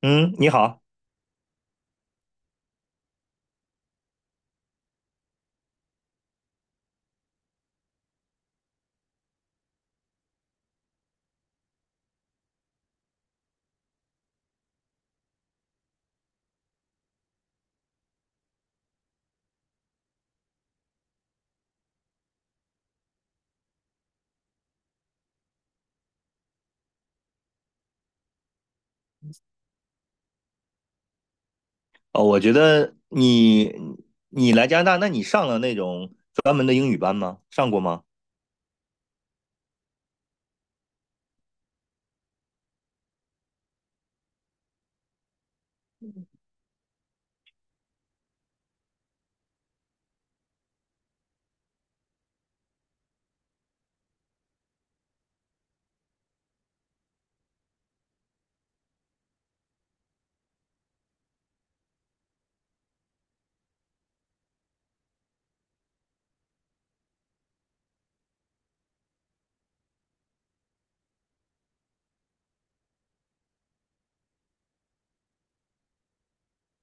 嗯，你好。哦，我觉得你来加拿大，那你上了那种专门的英语班吗？上过吗？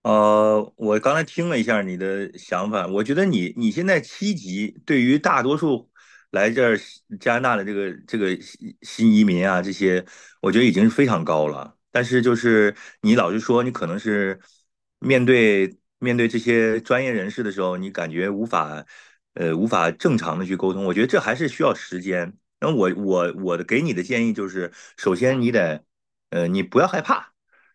我刚才听了一下你的想法，我觉得你现在7级，对于大多数来这儿加拿大的这个新移民啊，这些，我觉得已经是非常高了。但是就是你老是说你可能是面对这些专业人士的时候，你感觉无法正常的去沟通，我觉得这还是需要时间。那我给你的建议就是，首先你得，你不要害怕。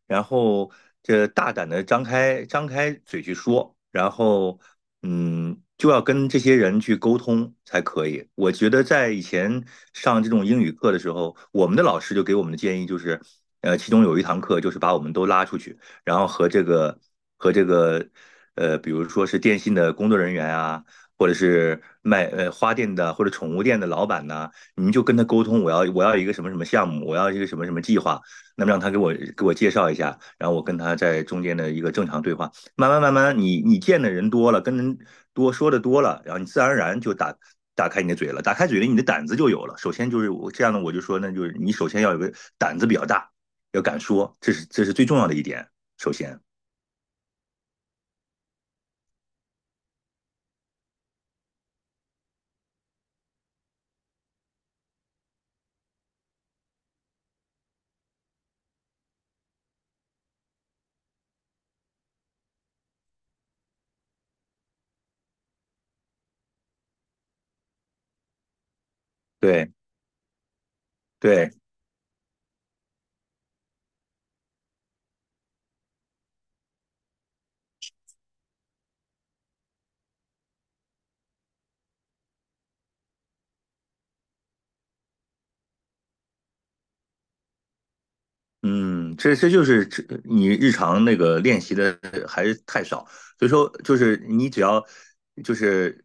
然后这大胆的张开嘴去说，就要跟这些人去沟通才可以。我觉得在以前上这种英语课的时候，我们的老师就给我们的建议就是，其中有一堂课就是把我们都拉出去，然后和这个,比如说是电信的工作人员啊。或者是花店的或者宠物店的老板呐，你们就跟他沟通，我要一个什么什么项目，我要一个什么什么计划，那么让他给我介绍一下，然后我跟他在中间的一个正常对话，慢慢慢慢你见的人多了，跟人多说的多了，然后你自然而然就打开你的嘴了，打开嘴了，你的胆子就有了。首先就是我这样呢，我就说，那就是你首先要有个胆子比较大，要敢说，这是最重要的一点。首先，对对。嗯，这就是你日常那个练习的还是太少，所以说就是你只要就是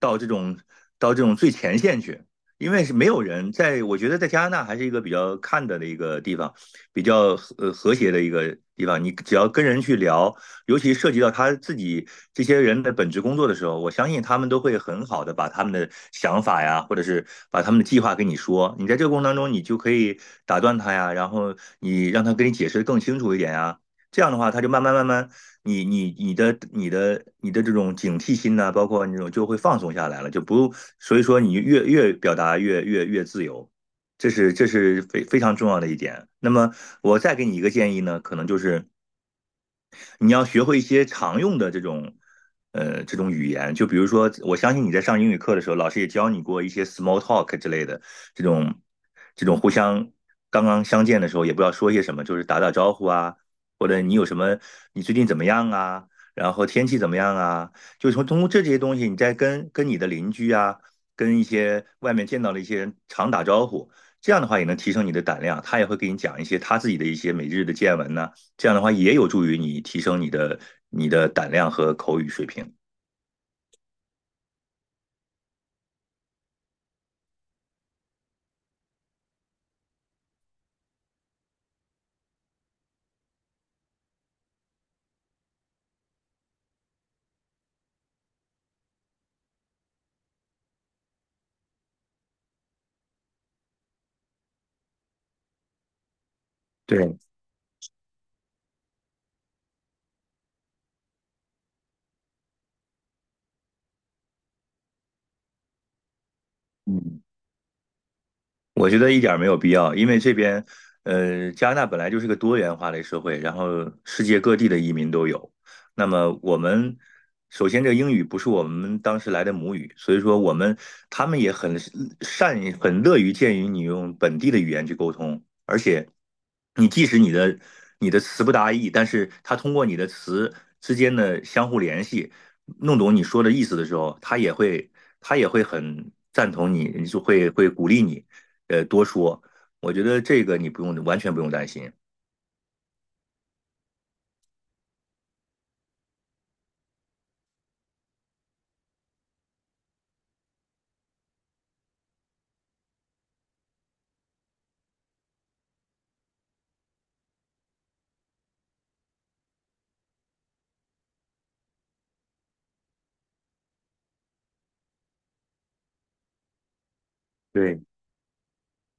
到这种到这种最前线去，因为是没有人在，我觉得在加拿大还是一个比较看的一个地方，比较和谐的一个地方。你只要跟人去聊，尤其涉及到他自己这些人的本职工作的时候，我相信他们都会很好的把他们的想法呀，或者是把他们的计划跟你说。你在这个过程当中，你就可以打断他呀，然后你让他跟你解释的更清楚一点呀。这样的话，他就慢慢慢慢，你的这种警惕心呐、啊包括那种就会放松下来了，就不，所以说你越表达越自由，这非常重要的一点。那么我再给你一个建议呢，可能就是你要学会一些常用的这种语言，就比如说，我相信你在上英语课的时候，老师也教你过一些 small talk 之类的这种这种互相刚刚相见的时候也不知道说些什么，就是打打招呼啊，或者你有什么，你最近怎么样啊？然后天气怎么样啊？就从通过这些东西，你再跟你的邻居啊，跟一些外面见到的一些人常打招呼，这样的话也能提升你的胆量。他也会给你讲一些他自己的一些每日的见闻呢、啊这样的话也有助于你提升你的胆量和口语水平。对，嗯。我觉得一点儿没有必要，因为这边，加拿大本来就是个多元化的社会，然后世界各地的移民都有。那么我们首先这个英语不是我们当时来的母语，所以说我们他们也很善于很乐于见于你用本地的语言去沟通，而且你即使你的词不达意，但是他通过你的词之间的相互联系，弄懂你说的意思的时候，他也会很赞同你，就会鼓励你。多说。我觉得这个你不用完全不用担心。对，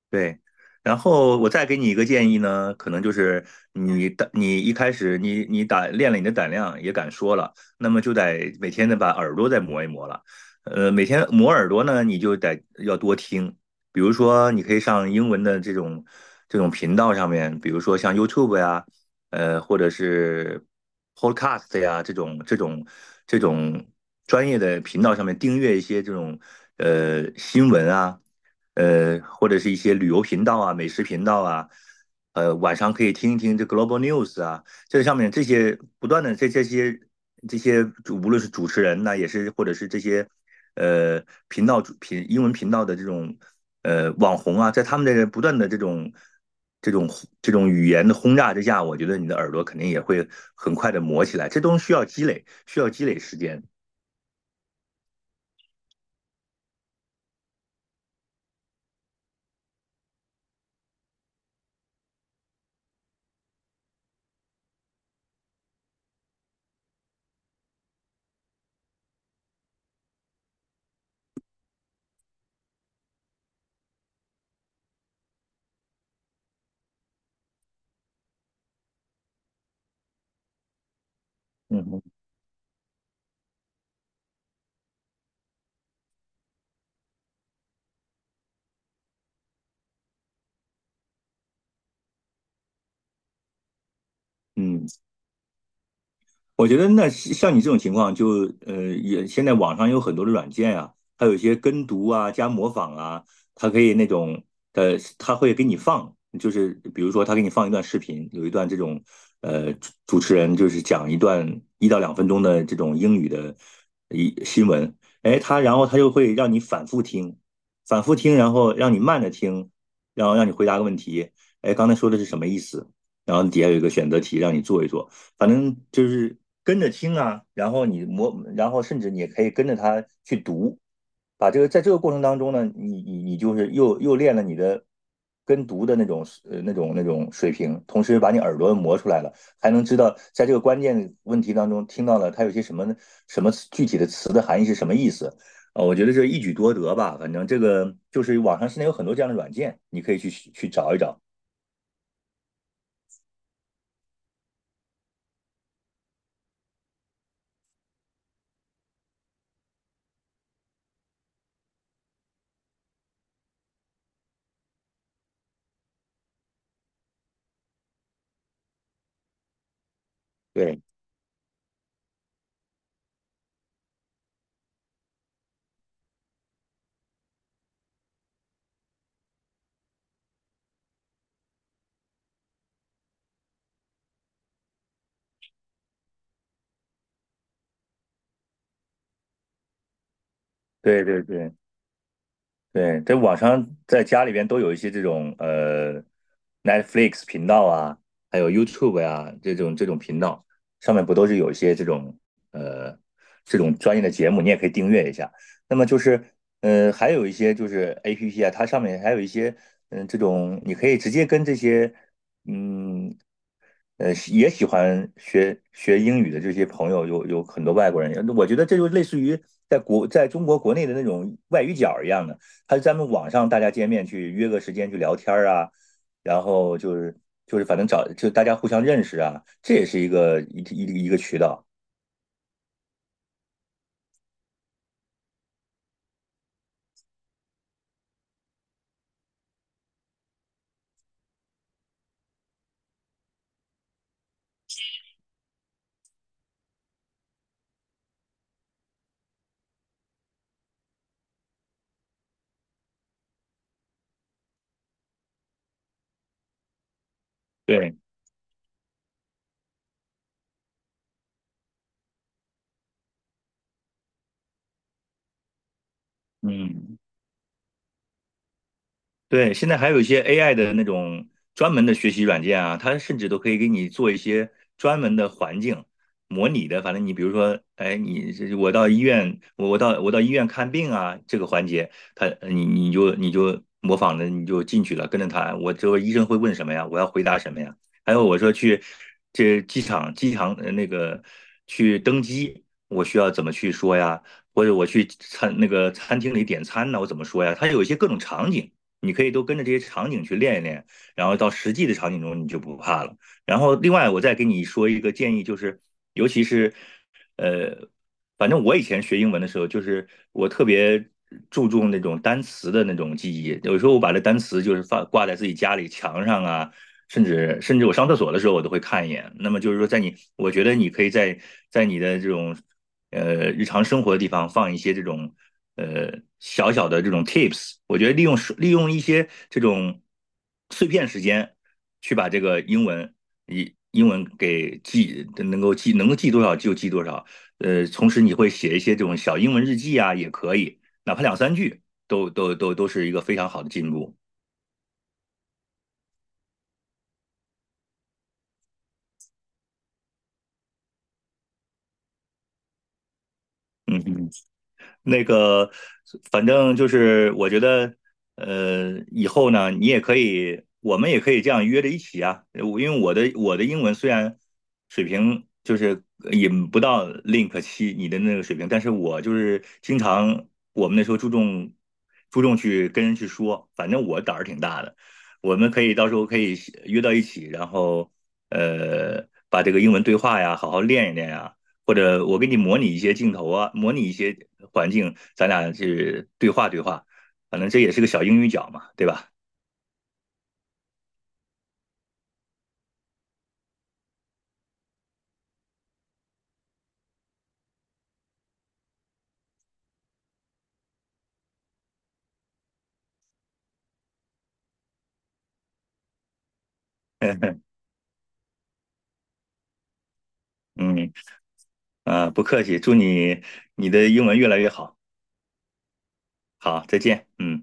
对，然后我再给你一个建议呢，可能就是你一开始你打练了你的胆量，也敢说了，那么就得每天得把耳朵再磨一磨了。每天磨耳朵呢，你就得要多听，比如说你可以上英文的这种频道上面，比如说像 YouTube 呀，或者是 Podcast 呀这种专业的频道上面订阅一些这种新闻啊。或者是一些旅游频道啊、美食频道啊，晚上可以听一听这 Global News 啊，这上面这些不断的这这些这些无论是主持人呐、也是或者是这些呃频道主频英文频道的这种网红啊，在他们的不断的这种这种语言的轰炸之下，我觉得你的耳朵肯定也会很快的磨起来，这都需要积累，需要积累时间。嗯哼。嗯。我觉得那像你这种情况就，也现在网上有很多的软件啊，它有一些跟读啊、加模仿啊，它可以那种，它会给你放，就是比如说它给你放一段视频，有一段这种主持人就是讲一段1到2分钟的这种英语的一新闻，哎，它然后它就会让你反复听，反复听，然后让你慢着听，然后让你回答个问题，哎，刚才说的是什么意思？然后底下有一个选择题让你做一做。反正就是跟着听啊，然后你磨，然后甚至你也可以跟着他去读，把这个在这个过程当中呢，你就是又练了你的跟读的那种水平，同时把你耳朵磨出来了，还能知道在这个关键问题当中听到了它有些什么什么具体的词的含义是什么意思。啊，我觉得这一举多得吧，反正这个就是网上现在有很多这样的软件，你可以去找一找。对对对对。对，在网上在家里边都有一些这种Netflix 频道啊，还有 YouTube 呀、这种频道，上面不都是有一些这种呃这种专业的节目，你也可以订阅一下。那么就是还有一些就是 APP 啊，它上面还有一些这种你可以直接跟这些嗯也喜欢学学英语的这些朋友有很多外国人，我觉得这就类似于在中国国内的那种外语角儿一样的。还是咱们网上大家见面去约个时间去聊天啊，然后就是就是反正找就大家互相认识啊，这也是一个渠道。对，嗯。对，现在还有一些 AI 的那种专门的学习软件啊，它甚至都可以给你做一些专门的环境模拟的。反正你比如说，哎，你这我到医院，我到医院看病啊，这个环节，它你就你就模仿着你就进去了，跟着他，我这个医生会问什么呀？我要回答什么呀？还有我说去这机场,去登机，我需要怎么去说呀？或者我去餐那个餐厅里点餐呢，我怎么说呀？它有一些各种场景。你可以都跟着这些场景去练一练，然后到实际的场景中你就不怕了。然后另外我再给你说一个建议，就是尤其是，呃，反正我以前学英文的时候，就是我特别注重那种单词的那种记忆，有时候我把这单词就是放挂在自己家里墙上啊。甚至我上厕所的时候，我都会看一眼。那么就是说，我觉得你可以在你的这种日常生活的地方放一些这种呃小小的这种 tips，我觉得利用利用一些这种碎片时间去把这个英文给记，能够记多少就记多少。同时你会写一些这种小英文日记啊，也可以，哪怕两三句都是一个非常好的进步。嗯嗯。那个，反正就是我觉得，以后呢，你也可以，我们也可以这样约着一起啊。我因为我的英文虽然水平就是也不到 Link 七你的那个水平，但是我就是经常我们那时候注重去跟人去说，反正我胆儿挺大的。我们可以到时候可以约到一起，然后，把这个英文对话呀，好好练一练呀。或者我给你模拟一些镜头啊，模拟一些环境，咱俩去对话对话，反正这也是个小英语角嘛，对吧？嗯啊，不客气，祝你你的英文越来越好。好，再见，嗯。